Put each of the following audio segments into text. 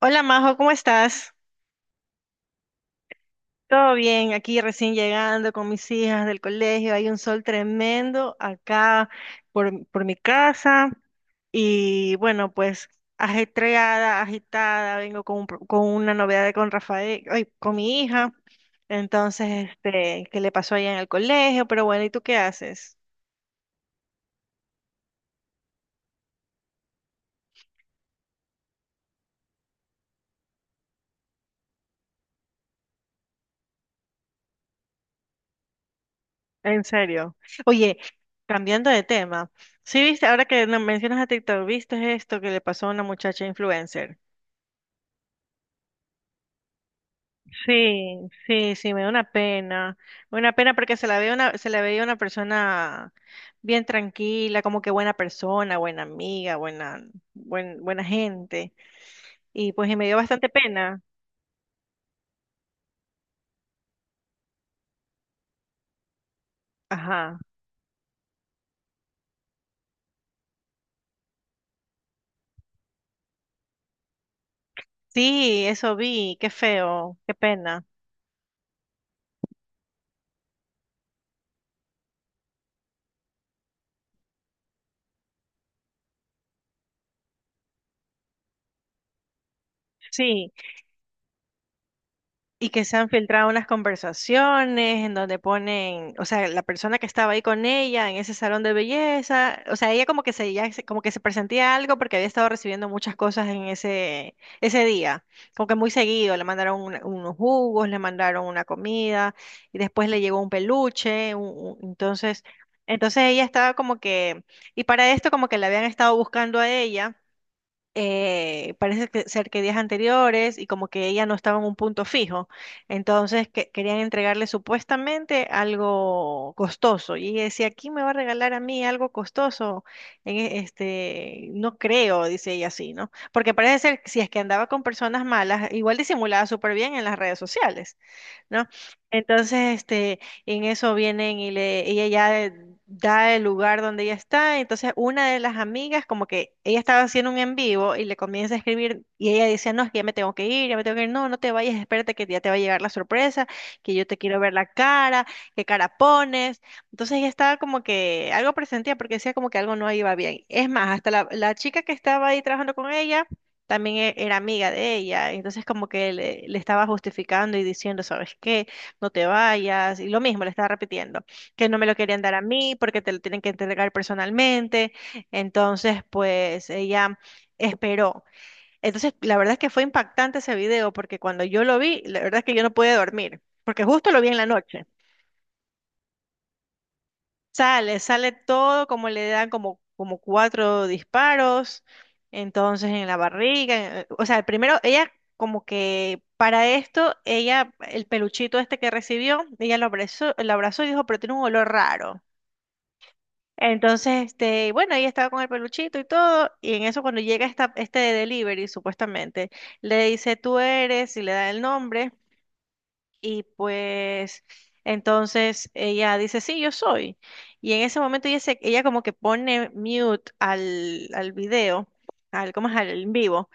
Hola Majo, ¿cómo estás? Todo bien, aquí recién llegando con mis hijas del colegio. Hay un sol tremendo acá por mi casa y bueno, pues ajetreada, agitada, vengo con, con una novedad con Rafael, ay, con mi hija. Entonces, ¿qué le pasó allá en el colegio? Pero bueno, ¿y tú qué haces? En serio. Oye, cambiando de tema, ¿sí viste, ahora que no- mencionas a TikTok, ¿viste esto que le pasó a una muchacha influencer? Sí, sí, sí, me da una pena. Me da una pena porque se la veía una persona bien tranquila, como que buena persona, buena amiga, buena gente. Y pues y me dio bastante pena. Ajá. Sí, eso vi, qué feo, qué pena. Sí. Y que se han filtrado unas conversaciones en donde ponen, o sea, la persona que estaba ahí con ella en ese salón de belleza, o sea, ella como que se, ya se- como que se presentía algo porque había estado recibiendo muchas cosas en ese día, como que muy seguido, le mandaron unos jugos, le mandaron una comida y después le llegó un peluche, entonces, entonces ella estaba como que, y para esto como que la habían estado buscando a ella ser que días anteriores y como que ella no estaba en un punto fijo. Entonces querían entregarle supuestamente algo costoso. Y ella decía, ¿quién me va a regalar a mí algo costoso? No creo, dice ella así, ¿no? Porque parece ser que si es que andaba con personas malas, igual disimulaba súper bien en las redes sociales. ¿No? Entonces, en eso vienen y le, ella ya da el lugar donde ella está. Entonces, una de las amigas, como que ella estaba haciendo un en vivo y le comienza a escribir y ella decía, no, es que ya me tengo que ir, ya me tengo que ir, no, no te vayas, espérate que ya te va a llegar la sorpresa, que yo te quiero ver la cara, qué cara pones. Entonces, ella estaba como que algo presentía porque decía como que algo no iba bien. Es más, hasta la chica que estaba ahí trabajando con ella también era amiga de ella, entonces como que le estaba justificando y diciendo, ¿sabes qué? No te vayas, y lo mismo le estaba repitiendo, que no me lo querían dar a mí porque te lo tienen que entregar personalmente, entonces pues ella esperó. Entonces la verdad es que fue impactante ese video porque cuando yo lo vi, la verdad es que yo no pude dormir, porque justo lo vi en la noche. Sale todo como le dan como cuatro disparos, entonces en la barriga, o sea, primero ella como que para esto, ella, el peluchito este que recibió, lo abrazó y dijo, pero tiene un olor raro. Entonces, bueno, ella estaba con el peluchito y todo, y en eso cuando llega este delivery, supuestamente, le dice, tú eres, y le da el nombre. Y pues entonces ella dice, sí, yo soy. Y en ese momento ella como que pone mute al video, al, ¿cómo es? Al en vivo.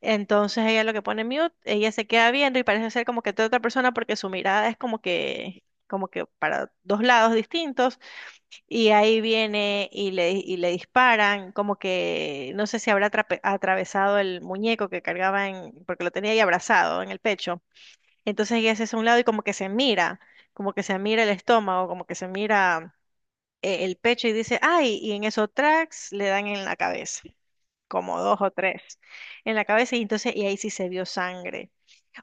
Entonces ella lo que pone mute, ella se queda viendo y parece ser como que toda otra persona porque su mirada es como que para dos lados distintos. Y ahí viene y le disparan, como que no sé si atravesado el muñeco que cargaba en, porque lo tenía ahí abrazado en el pecho. Entonces ella se hace a un lado y como que se mira el estómago, como que se mira el pecho y dice, ay, y en esos tracks le dan en la cabeza, como dos o tres en la cabeza y entonces y ahí sí se vio sangre.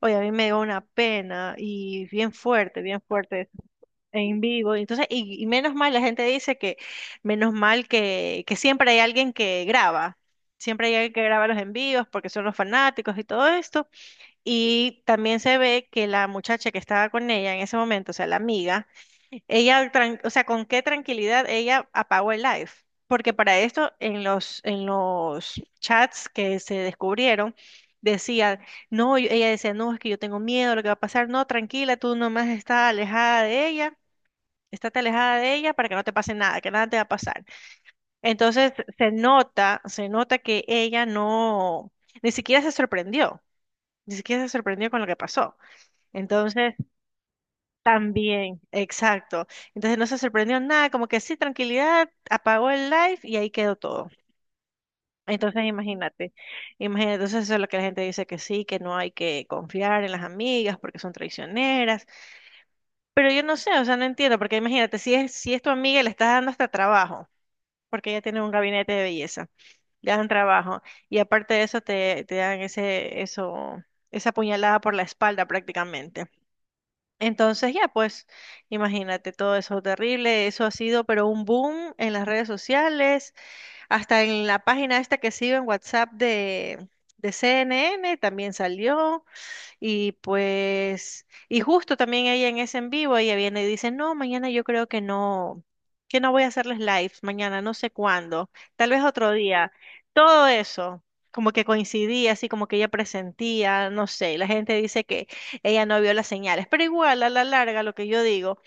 Oye, a mí me dio una pena y bien fuerte en vivo. Y entonces, y menos mal, la gente dice que menos mal que siempre hay alguien que graba, siempre hay alguien que graba los envíos porque son los fanáticos y todo esto. Y también se ve que la muchacha que estaba con ella en ese momento, o sea, la amiga, o sea, con qué tranquilidad ella apagó el live. Porque para esto, en en los chats que se descubrieron, decía, no, ella decía, no, es que yo tengo miedo, lo que va a pasar, no, tranquila, tú nomás estás alejada de ella, estate alejada de ella para que no te pase nada, que nada te va a pasar. Entonces se nota que ella no, ni siquiera se sorprendió ni siquiera se sorprendió con lo que pasó. Entonces, también, exacto. Entonces no se sorprendió nada, como que sí, tranquilidad, apagó el live y ahí quedó todo. Entonces, imagínate, imagínate, entonces eso es lo que la gente dice que sí, que no hay que confiar en las amigas porque son traicioneras. Pero yo no sé, o sea, no entiendo, porque imagínate, si es tu amiga y le estás dando hasta trabajo, porque ella tiene un gabinete de belleza, le dan trabajo, y aparte de eso te dan esa puñalada por la espalda prácticamente. Entonces ya, pues imagínate todo eso terrible, eso ha sido pero un boom en las redes sociales, hasta en la página esta que sigo en WhatsApp de CNN también salió, y pues, y justo también ella en ese en vivo, ella viene y dice, no, mañana yo creo que no voy a hacerles lives mañana no sé cuándo, tal vez otro día. Todo eso, como que coincidía, así como que ella presentía, no sé, y la gente dice que ella no vio las señales, pero igual a la larga lo que yo digo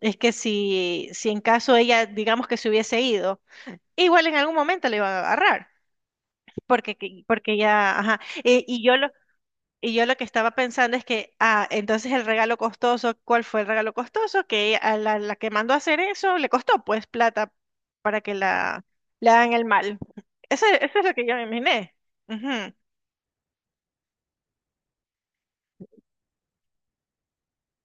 es que si en caso ella, digamos que se hubiese ido, igual en algún momento le iban a agarrar. Porque, porque ya, ajá. Y yo lo que estaba pensando es que, ah, entonces el regalo costoso, ¿cuál fue el regalo costoso? Que a la que mandó a hacer eso le costó pues plata para que la le hagan el mal. Eso es lo que yo me imaginé. Ujú.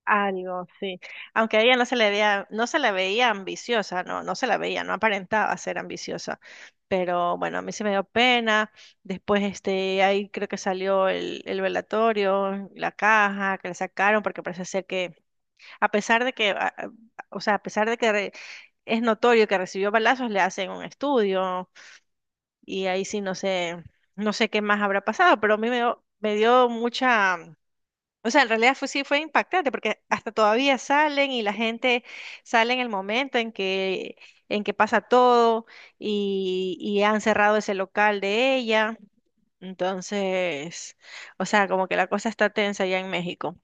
Algo, sí. Aunque a ella no se le veía, no se la veía ambiciosa, no, no se la veía, no aparentaba ser ambiciosa. Pero bueno, a mí se me dio pena. Después, ahí creo que salió el velatorio, la caja que le sacaron, porque parece ser que A pesar de que, a- o sea, a pesar de que re- es notorio que recibió balazos, le hacen un estudio y ahí sí no sé, no sé qué más habrá pasado, pero a mí me dio mucha, o sea, en realidad fue, sí fue impactante porque hasta todavía salen y la gente sale en el momento en en que pasa todo y han cerrado ese local de ella. Entonces, o sea, como que la cosa está tensa allá en México.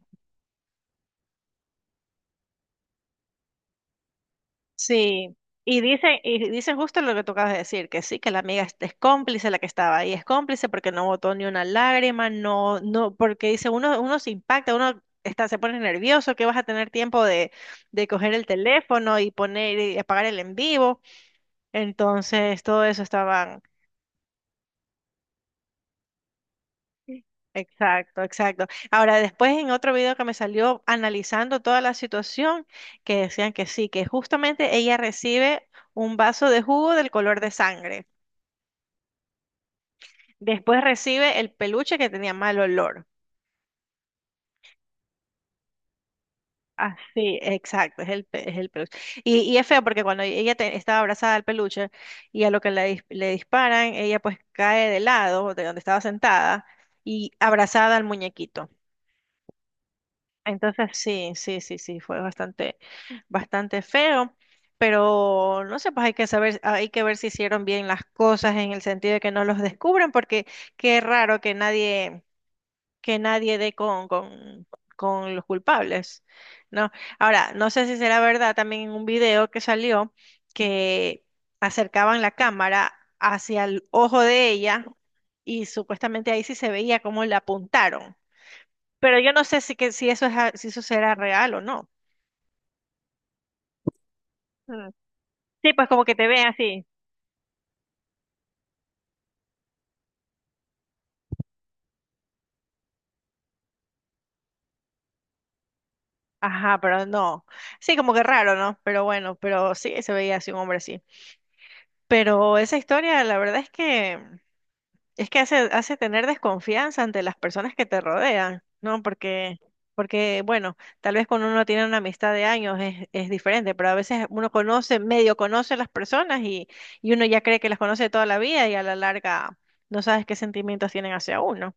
Sí, y dicen justo lo que tú acabas de decir, que sí, que la amiga es cómplice la que estaba ahí, es cómplice porque no botó ni una lágrima, no, no, porque dice, uno se impacta, se pone nervioso, que vas a tener tiempo de coger el teléfono y poner y apagar el en vivo. Entonces, todo eso estaban. Exacto, exacto. Ahora, después en otro video que me salió analizando toda la situación, que decían que sí, que justamente ella recibe un vaso de jugo del color de sangre. Después recibe el peluche que tenía mal olor. Así, exacto, es el, es el peluche. Y es feo porque cuando ella estaba abrazada al peluche y a lo que le, le disparan, ella pues cae de lado de donde estaba sentada y abrazada al muñequito. Entonces sí, sí, sí, sí, fue bastante, bastante feo, pero no sé, pues hay que saber, hay que ver si hicieron bien las cosas en el sentido de que no los descubran, porque qué raro que nadie dé con los culpables, ¿no? Ahora, no sé si será verdad también en un video que salió que acercaban la cámara hacia el ojo de ella y supuestamente ahí sí se veía cómo le apuntaron. Pero yo no sé si eso es, si eso será real o no. Mm. Sí, pues como que te ven así. Ajá, pero no. Sí, como que raro, ¿no? Pero bueno, pero sí, se veía así un hombre así. Pero esa historia, la verdad es que es que hace, hace tener desconfianza ante las personas que te rodean, ¿no? Porque, porque, bueno, tal vez cuando uno tiene una amistad de años es diferente, pero a veces uno conoce, medio conoce a las personas y uno ya cree que las conoce toda la vida y a la larga no sabes qué sentimientos tienen hacia uno.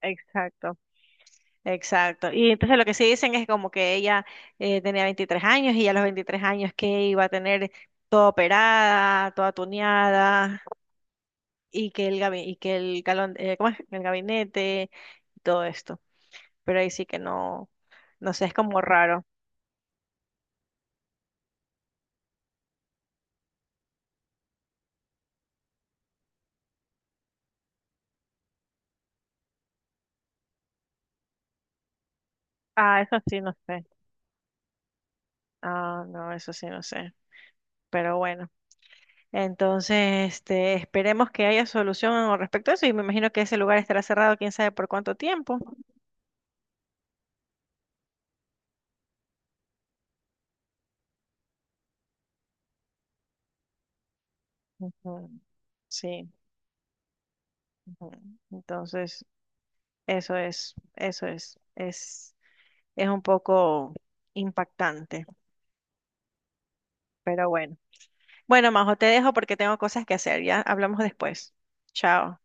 Exacto. Exacto. Y entonces lo que sí dicen es como que ella tenía 23 años y a los 23 años que iba a tener toda operada, toda tuneada, y que y que el galón, ¿cómo es? El gabinete y todo esto. Pero ahí sí que no, no sé, es como raro. Ah, eso sí no sé. Ah, no, eso sí no sé. Pero bueno. Entonces, esperemos que haya solución al respecto a eso y me imagino que ese lugar estará cerrado quién sabe por cuánto tiempo. Ujú, Sí. ujú. Entonces, eso es, eso es, es, es un poco impactante, pero bueno. Bueno, Majo, te dejo porque tengo cosas que hacer, ya hablamos después. Chao.